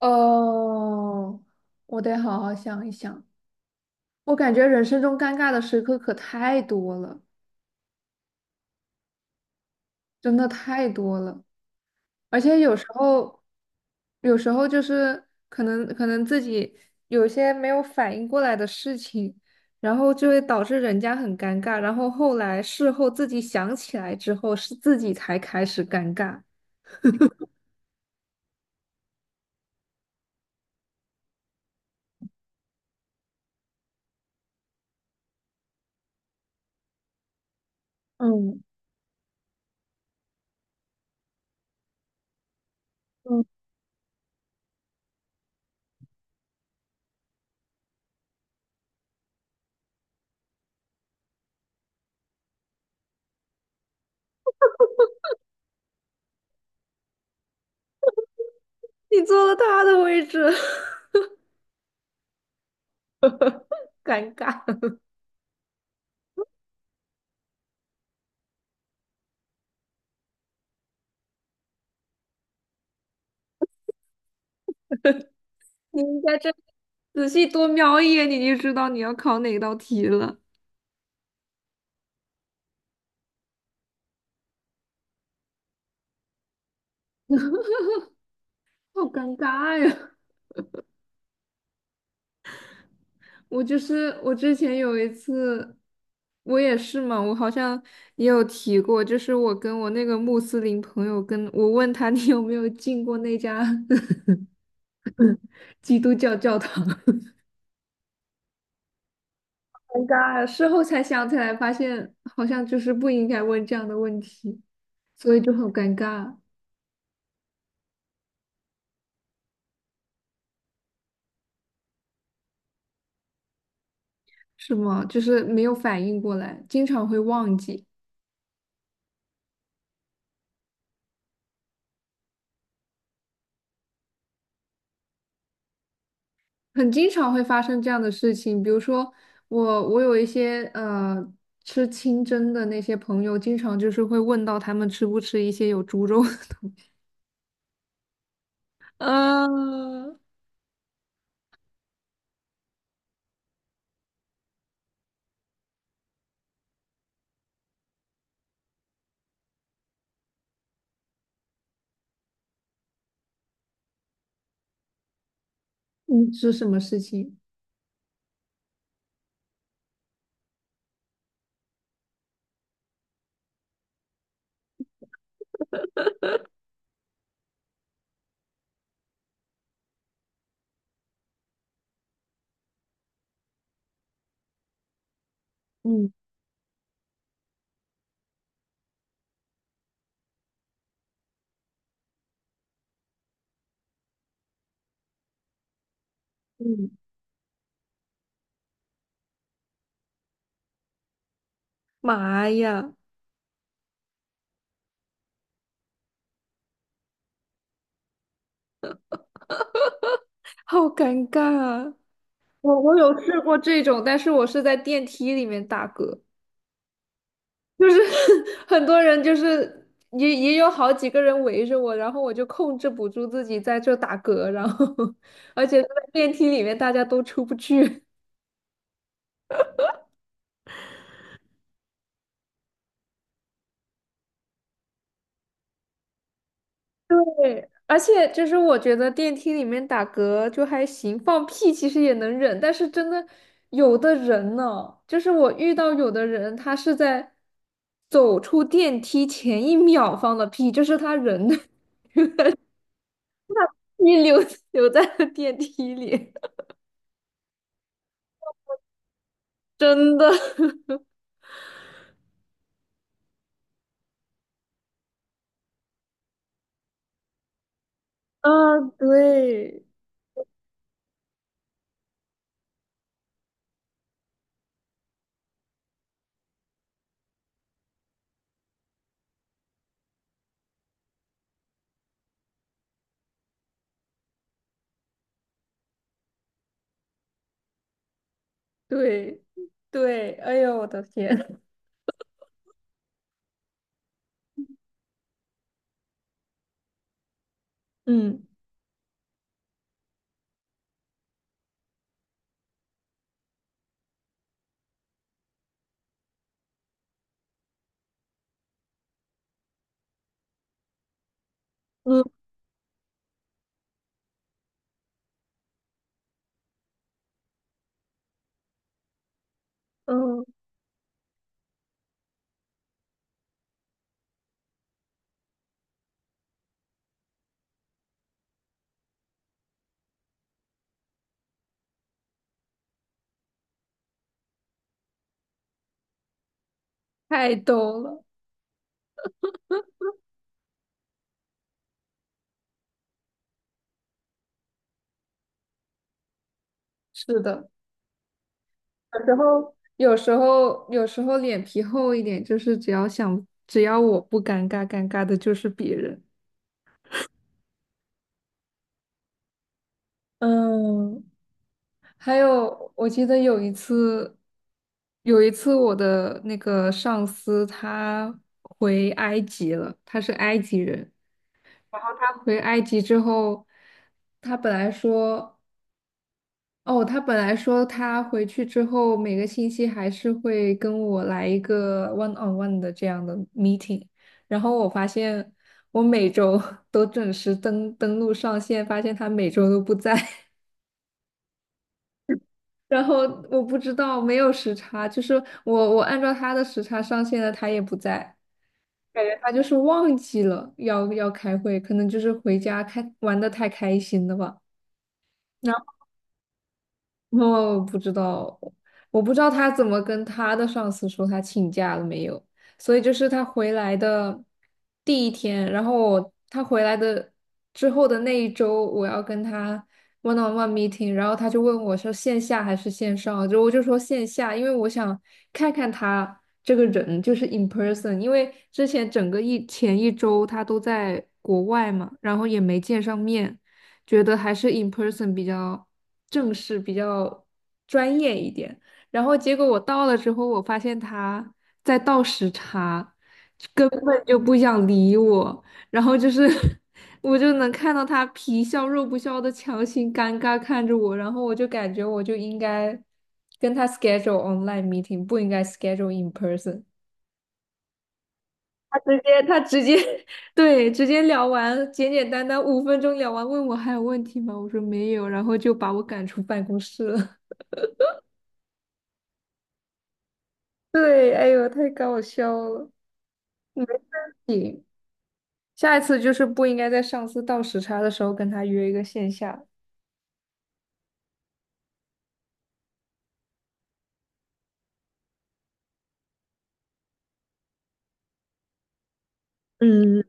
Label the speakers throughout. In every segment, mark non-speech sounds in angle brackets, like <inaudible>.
Speaker 1: 哦，我得好好想一想。我感觉人生中尴尬的时刻可太多了，真的太多了。而且有时候，有时候就是可能自己有一些没有反应过来的事情，然后就会导致人家很尴尬。然后后来事后自己想起来之后，是自己才开始尴尬。嗯嗯，你坐了他的位置，<laughs> 尴尬。你应该这仔细多瞄一眼，你就知道你要考哪道题了。好尴尬呀！<laughs> 我就是我之前有一次，我也是嘛，我好像也有提过，就是我跟我那个穆斯林朋友跟，我问他你有没有进过那家 <laughs> 基督教教堂，<laughs> 尴尬呀！事后才想起来，发现好像就是不应该问这样的问题，所以就很尴尬，是吗？就是没有反应过来，经常会忘记。很经常会发生这样的事情，比如说我有一些吃清真的那些朋友，经常就是会问到他们吃不吃一些有猪肉的东西 <laughs>。啊，嗯，是什么事情？嗯嗯，妈呀，好尴尬啊！我有试过这种，但是我是在电梯里面打嗝。就是 <laughs> 很多人就是也有好几个人围着我，然后我就控制不住自己在这打嗝，然后 <laughs> 而且在电梯里面大家都出不去。<laughs> 对，而且就是我觉得电梯里面打嗝就还行，放屁其实也能忍，但是真的有的人呢，就是我遇到有的人他是在走出电梯前一秒放的屁，就是他人 <laughs> 一留在了电梯里，真的。<laughs> 啊，对对对，哎呦，我的天，<laughs> 嗯嗯嗯，太逗了，是的，有时候脸皮厚一点，就是只要想只要我不尴尬，尴尬的就是别人。嗯，还有我记得有一次，有一次我的那个上司他回埃及了，他是埃及人。他回埃及之后，他本来说，哦，他本来说他回去之后每个星期还是会跟我来一个 one on one 的这样的 meeting，然后我发现我每周 <laughs> 都准时登录上线，发现他每周都不在，<laughs> 然后我不知道没有时差，就是我按照他的时差上线了，他也不在，感觉他就是忘记了要开会，可能就是回家开玩的太开心了吧。哦，不知道，我不知道他怎么跟他的上司说他请假了没有，所以就是他回来的第一天，然后我他回来的之后的那一周，我要跟他 one on one meeting，然后他就问我是线下还是线上，就我就说线下，因为我想看看他这个人就是 in person，因为之前整个一前一周他都在国外嘛，然后也没见上面，觉得还是 in person 比较。正式、比较专业一点。然后结果我到了之后，我发现他在倒时差，根本就不想理我。然后就是 <laughs> 我就能看到他皮笑肉不笑的强行尴尬看着我，然后我就感觉我就应该跟他 schedule online meeting，不应该 schedule in person。他直接，<laughs> 对，直接聊完，简简单单五分钟聊完，问我还有问题吗？我说没有，然后就把我赶出办公室了。对，哎呦，太搞笑了。嗯，下一次就是不应该在上司倒时差的时候跟他约一个线下。嗯，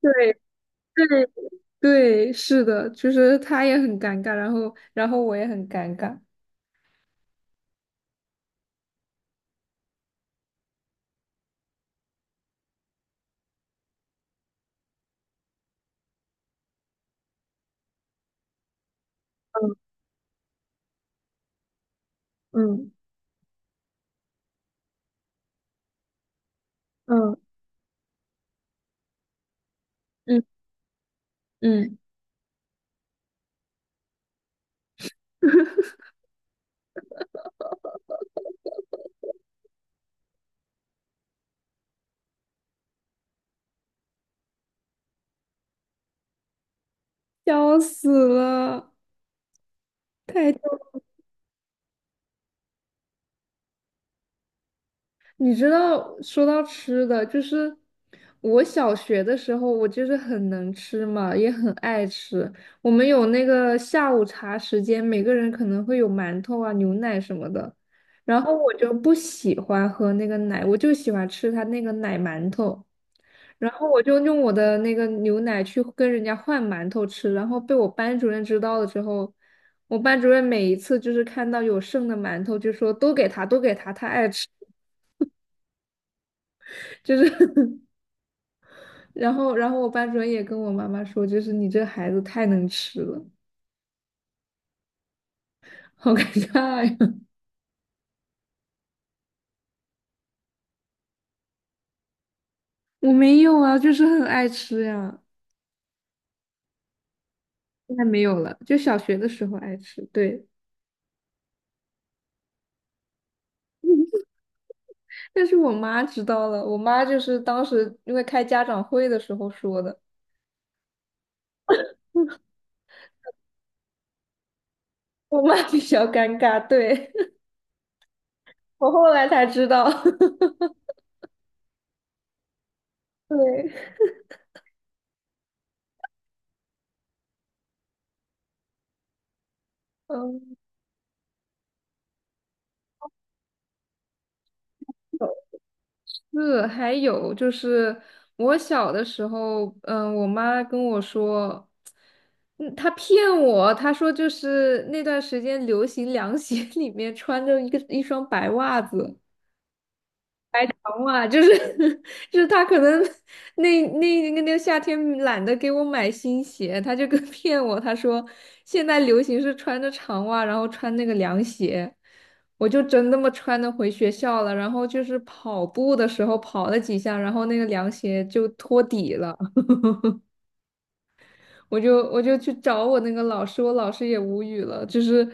Speaker 1: 对对对，是的，就是他也很尴尬，然后我也很尴尬。嗯嗯嗯，嗯嗯，笑死了。太。你知道，说到吃的，就是我小学的时候，我就是很能吃嘛，也很爱吃。我们有那个下午茶时间，每个人可能会有馒头啊、牛奶什么的。然后我就不喜欢喝那个奶，我就喜欢吃它那个奶馒头。然后我就用我的那个牛奶去跟人家换馒头吃，然后被我班主任知道了之后，我班主任每一次就是看到有剩的馒头，就说都给他，都给他，他爱吃，就是 <laughs> 然后，然后我班主任也跟我妈妈说，就是你这孩子太能吃了，好尴尬呀！<laughs> 我没有啊，就是很爱吃呀，现在没有了，就小学的时候爱吃，对。但是我妈知道了，我妈就是当时因为开家长会的时候说的，我妈比较尴尬，对，<laughs> 我后来才知道，<laughs> 对，嗯。是，还有就是我小的时候，嗯，我妈跟我说，嗯，她骗我，她说就是那段时间流行凉鞋 <laughs> 里面穿着一个一双白袜子，长袜就是 <laughs> 就是他可能那个夏天懒得给我买新鞋，他就跟 <laughs> 骗我，他说现在流行是穿着长袜，然后穿那个凉鞋，我就真那么穿的回学校了，然后就是跑步的时候跑了几下，然后那个凉鞋就脱底了，我就去找我那个老师，我老师也无语了，就是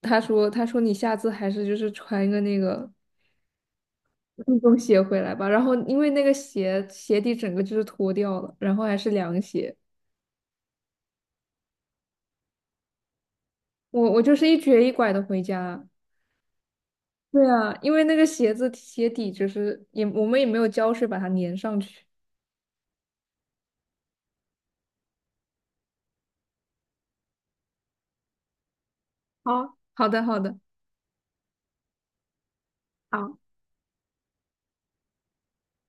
Speaker 1: 他说你下次还是就是穿一个那个。运动鞋回来吧。然后因为那个鞋底整个就是脱掉了，然后还是凉鞋，我就是一瘸一拐的回家。对啊，因为那个鞋子鞋底就是也我们也没有胶水把它粘上去。好，好的，好的。好。